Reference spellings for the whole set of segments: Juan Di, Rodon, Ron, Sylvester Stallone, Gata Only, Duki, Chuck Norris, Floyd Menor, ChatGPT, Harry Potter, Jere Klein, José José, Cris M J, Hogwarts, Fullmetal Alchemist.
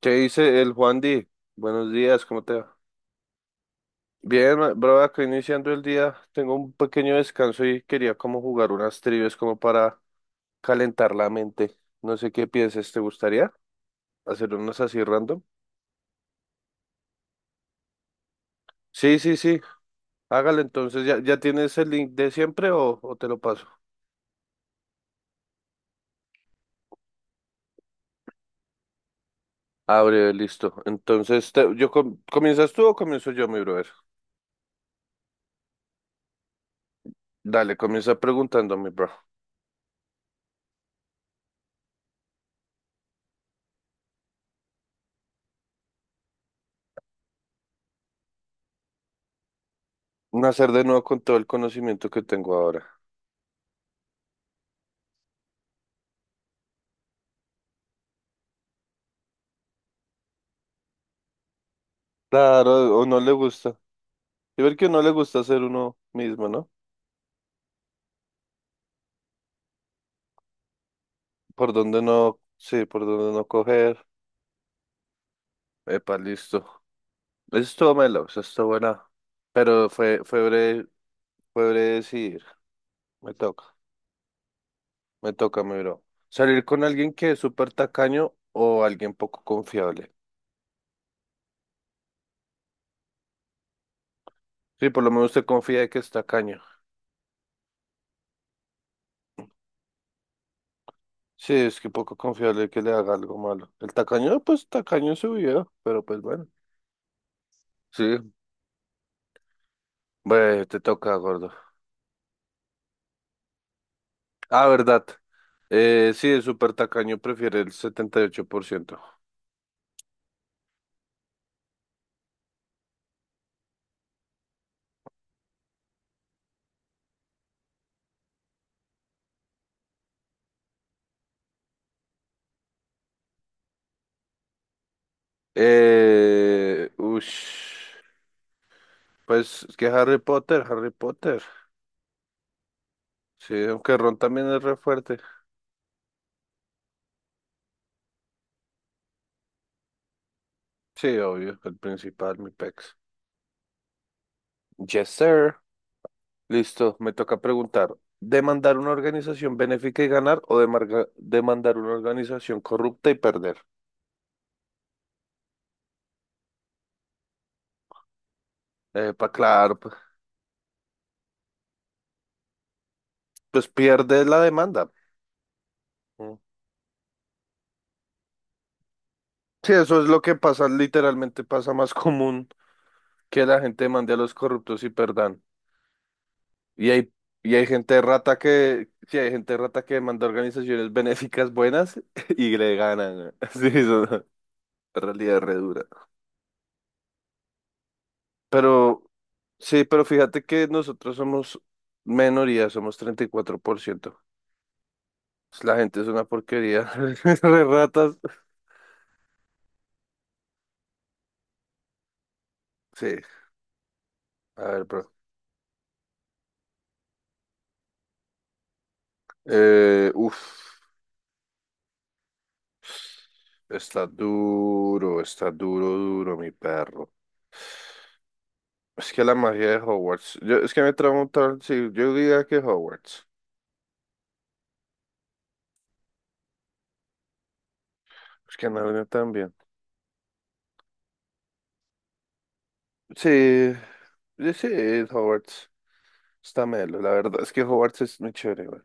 ¿Qué dice el Juan Di? Buenos días, ¿cómo te va? Bien, bro, acá iniciando el día, tengo un pequeño descanso y quería como jugar unas trivias como para calentar la mente. No sé qué pienses, ¿te gustaría hacer unas así random? Sí, sí, sí, hágale entonces. ¿Ya tienes el link de siempre o te lo paso? Abre, listo. Entonces, ¿comienzas tú o comienzo yo, mi brother? Dale, comienza preguntándome, bro. Nacer de nuevo con todo el conocimiento que tengo ahora. Claro, o no le gusta. Y ver que no le gusta ser uno mismo, ¿no? Por donde no, sí, por donde no coger. Epa, listo. Eso estuvo melo, eso estuvo buena. Pero fue breve, fue breve decidir. Me toca, me toca, mi bro. Salir con alguien que es súper tacaño o alguien poco confiable. Sí, por lo menos usted confía de que es tacaño. Sí, es que poco confiable que le haga algo malo. El tacaño, pues tacaño en su vida, pero pues bueno. Sí, bueno, te toca, gordo. Ah, verdad. Sí, el súper tacaño prefiere el 78%. Eh, ush, pues es que Harry Potter, Harry Potter. Sí, aunque Ron también es re fuerte. Sí, obvio, el principal, mi pex. Yes, sir. Listo, me toca preguntar. ¿Demandar una organización benéfica y ganar o demandar una organización corrupta y perder? Pa' claro, pues pierde la demanda. Mm. Sí, eso es lo que pasa, literalmente pasa más común. Que la gente mande a los corruptos y perdan. Y hay, y hay gente rata que, sí, hay gente rata que manda organizaciones benéficas buenas y le ganan, ¿no? Sí, eso es una realidad re dura. Pero, sí, pero fíjate que nosotros somos minoría, somos 34%. Pues, la gente es una porquería, re ratas. Sí, a ver, bro. Eh, uf, está duro, duro, mi perro. Es que la magia de Hogwarts. Es que me trauma un tal, sí, yo diría que Hogwarts. Es que no viene tan bien. Sí, yo sí, Hogwarts. Está melo, la verdad es que Hogwarts es muy chévere, güey.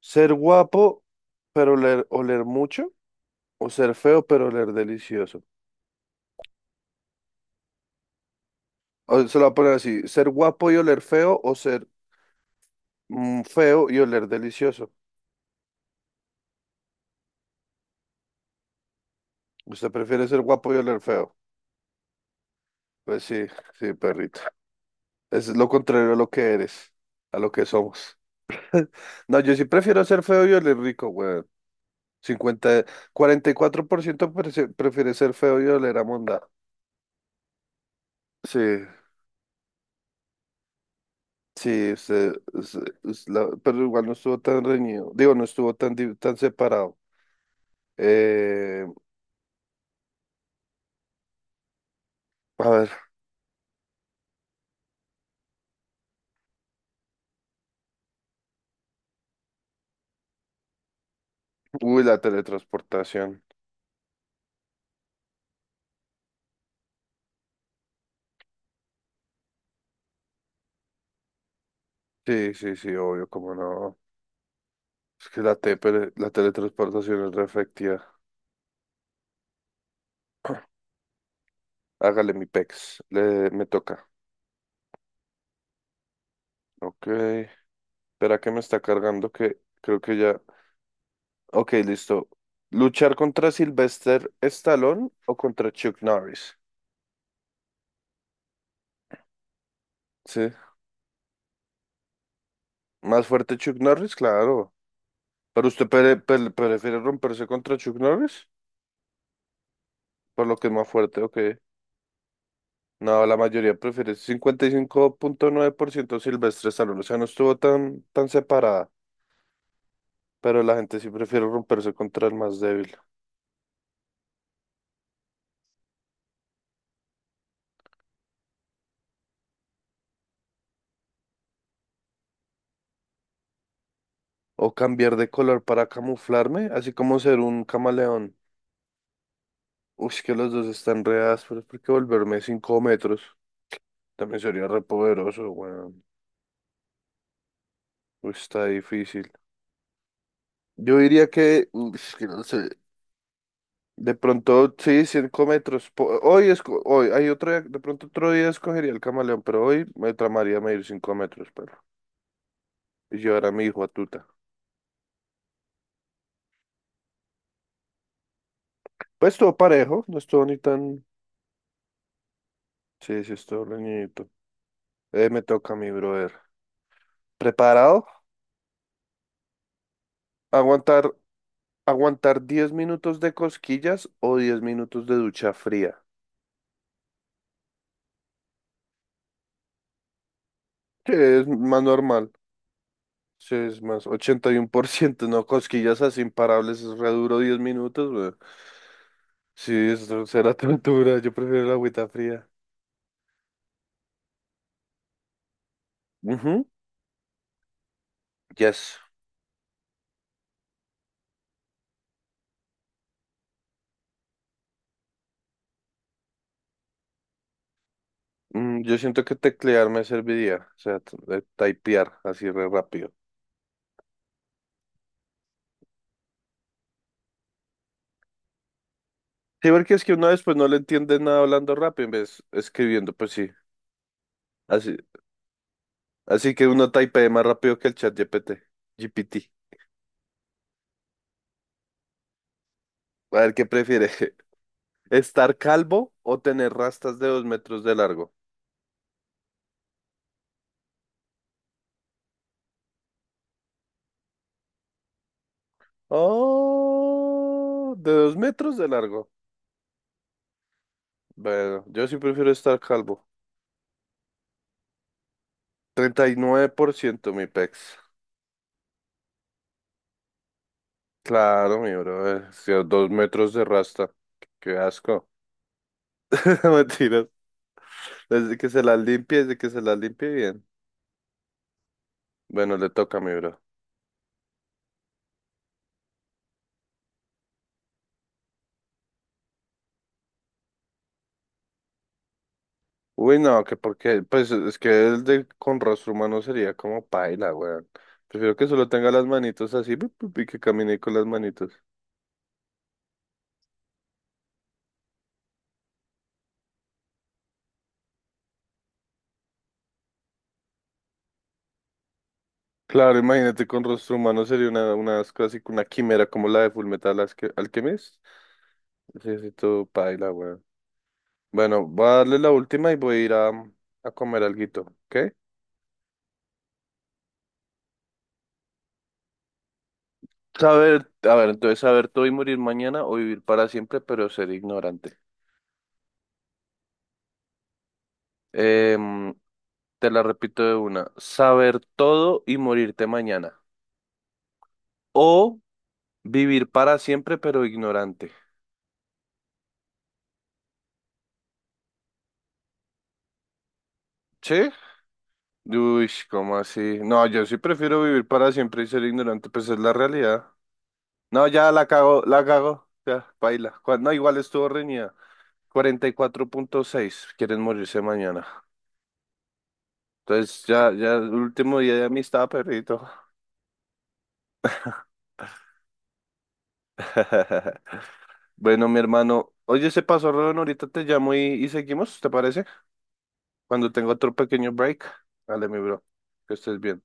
Ser guapo, pero oler mucho, o ser feo, pero oler delicioso. O se lo voy a poner así, ser guapo y oler feo, o ser feo y oler delicioso. ¿Usted prefiere ser guapo y oler feo? Pues sí, sí, perrito. Es lo contrario a lo que eres, a lo que somos. No, yo sí prefiero ser feo y oler rico, güey. Por ciento prefiere ser feo y oler a monda. Sí, sí, pero igual no estuvo tan reñido. Digo, no estuvo tan, tan separado. Eh, a ver, uy, la teletransportación. Sí, sí, sí, obvio, como no. Es que pero la teletransportación es re efectiva. Hágale mi pex, le, me toca. Ok, espera que me está cargando que creo que ya. Ok, listo. ¿Luchar contra Sylvester Stallone o contra Chuck Norris? Sí. Más fuerte Chuck Norris, claro. Pero usted prefiere romperse contra Chuck Norris, por lo que es más fuerte, ok. No, la mayoría prefiere 55,9% Silvestre Stallone. O sea, no estuvo tan, tan separada, pero la gente sí prefiere romperse contra el más débil. O cambiar de color para camuflarme, así como ser un camaleón. Uy, que los dos están re ásperos, porque volverme 5 metros. También sería re poderoso, weón. Uy, está difícil. Yo diría que, es que no sé, de pronto sí, 5 metros. Po- Hoy, esco- hoy hay otro día- De pronto otro día escogería el camaleón, pero hoy me tramaría medir 5 metros, pero. Y llevar a mi hijo a tuta. Pues todo parejo, no estuvo ni tan... Sí, sí, estuvo reñidito. Me toca a mi brother. ¿Preparado? ¿Aguantar, aguantar 10 minutos de cosquillas o 10 minutos de ducha fría? Sí, es más normal. Sí, es más, 81% no, cosquillas así imparables, es re duro 10 minutos, güey. Sí, eso será tortura, yo prefiero la agüita fría. Ujú, yes. Yo siento que teclear me serviría, o sea, de typear así re rápido. Sí, porque es que uno después no le entiende nada hablando rápido en vez escribiendo, pues sí. Así, así que uno typea más rápido que el chat GPT. GPT. A ver, ¿qué prefiere? ¿Estar calvo o tener rastas de 2 metros de largo? Oh, de 2 metros de largo. Bueno, yo sí prefiero estar calvo. 39% mi pex. Claro, mi bro. Sí, 2 metros de rasta. Qué asco. Mentiras. Desde que se las limpie, desde que se las limpie bien. Bueno, le toca mi bro. Uy, no, que porque, pues es que el de con rostro humano sería como paila, weón. Prefiero que solo tenga las manitos así pup, pup, y que camine con las manitos. Claro, imagínate con rostro humano sería una casi una quimera como la de Alchemist. Necesito paila, weón. Bueno, voy a darle la última y voy a ir a comer alguito, ¿ok? A ver, entonces saber todo y morir mañana o vivir para siempre, pero ser ignorante. Em, te la repito de una. Saber todo y morirte mañana. O vivir para siempre, pero ignorante. ¿Sí? Uy, ¿cómo así? No, yo sí prefiero vivir para siempre y ser ignorante, pues es la realidad. No, ya la cago, ya, baila. No, igual estuvo reñida. 44,6. Quieren morirse mañana. Entonces ya, ya el último día de amistad, perrito. Bueno, mi hermano, oye, se pasó, Rodon, ahorita te llamo y seguimos, ¿te parece? Cuando tengo otro pequeño break. Dale, mi bro, que estés bien.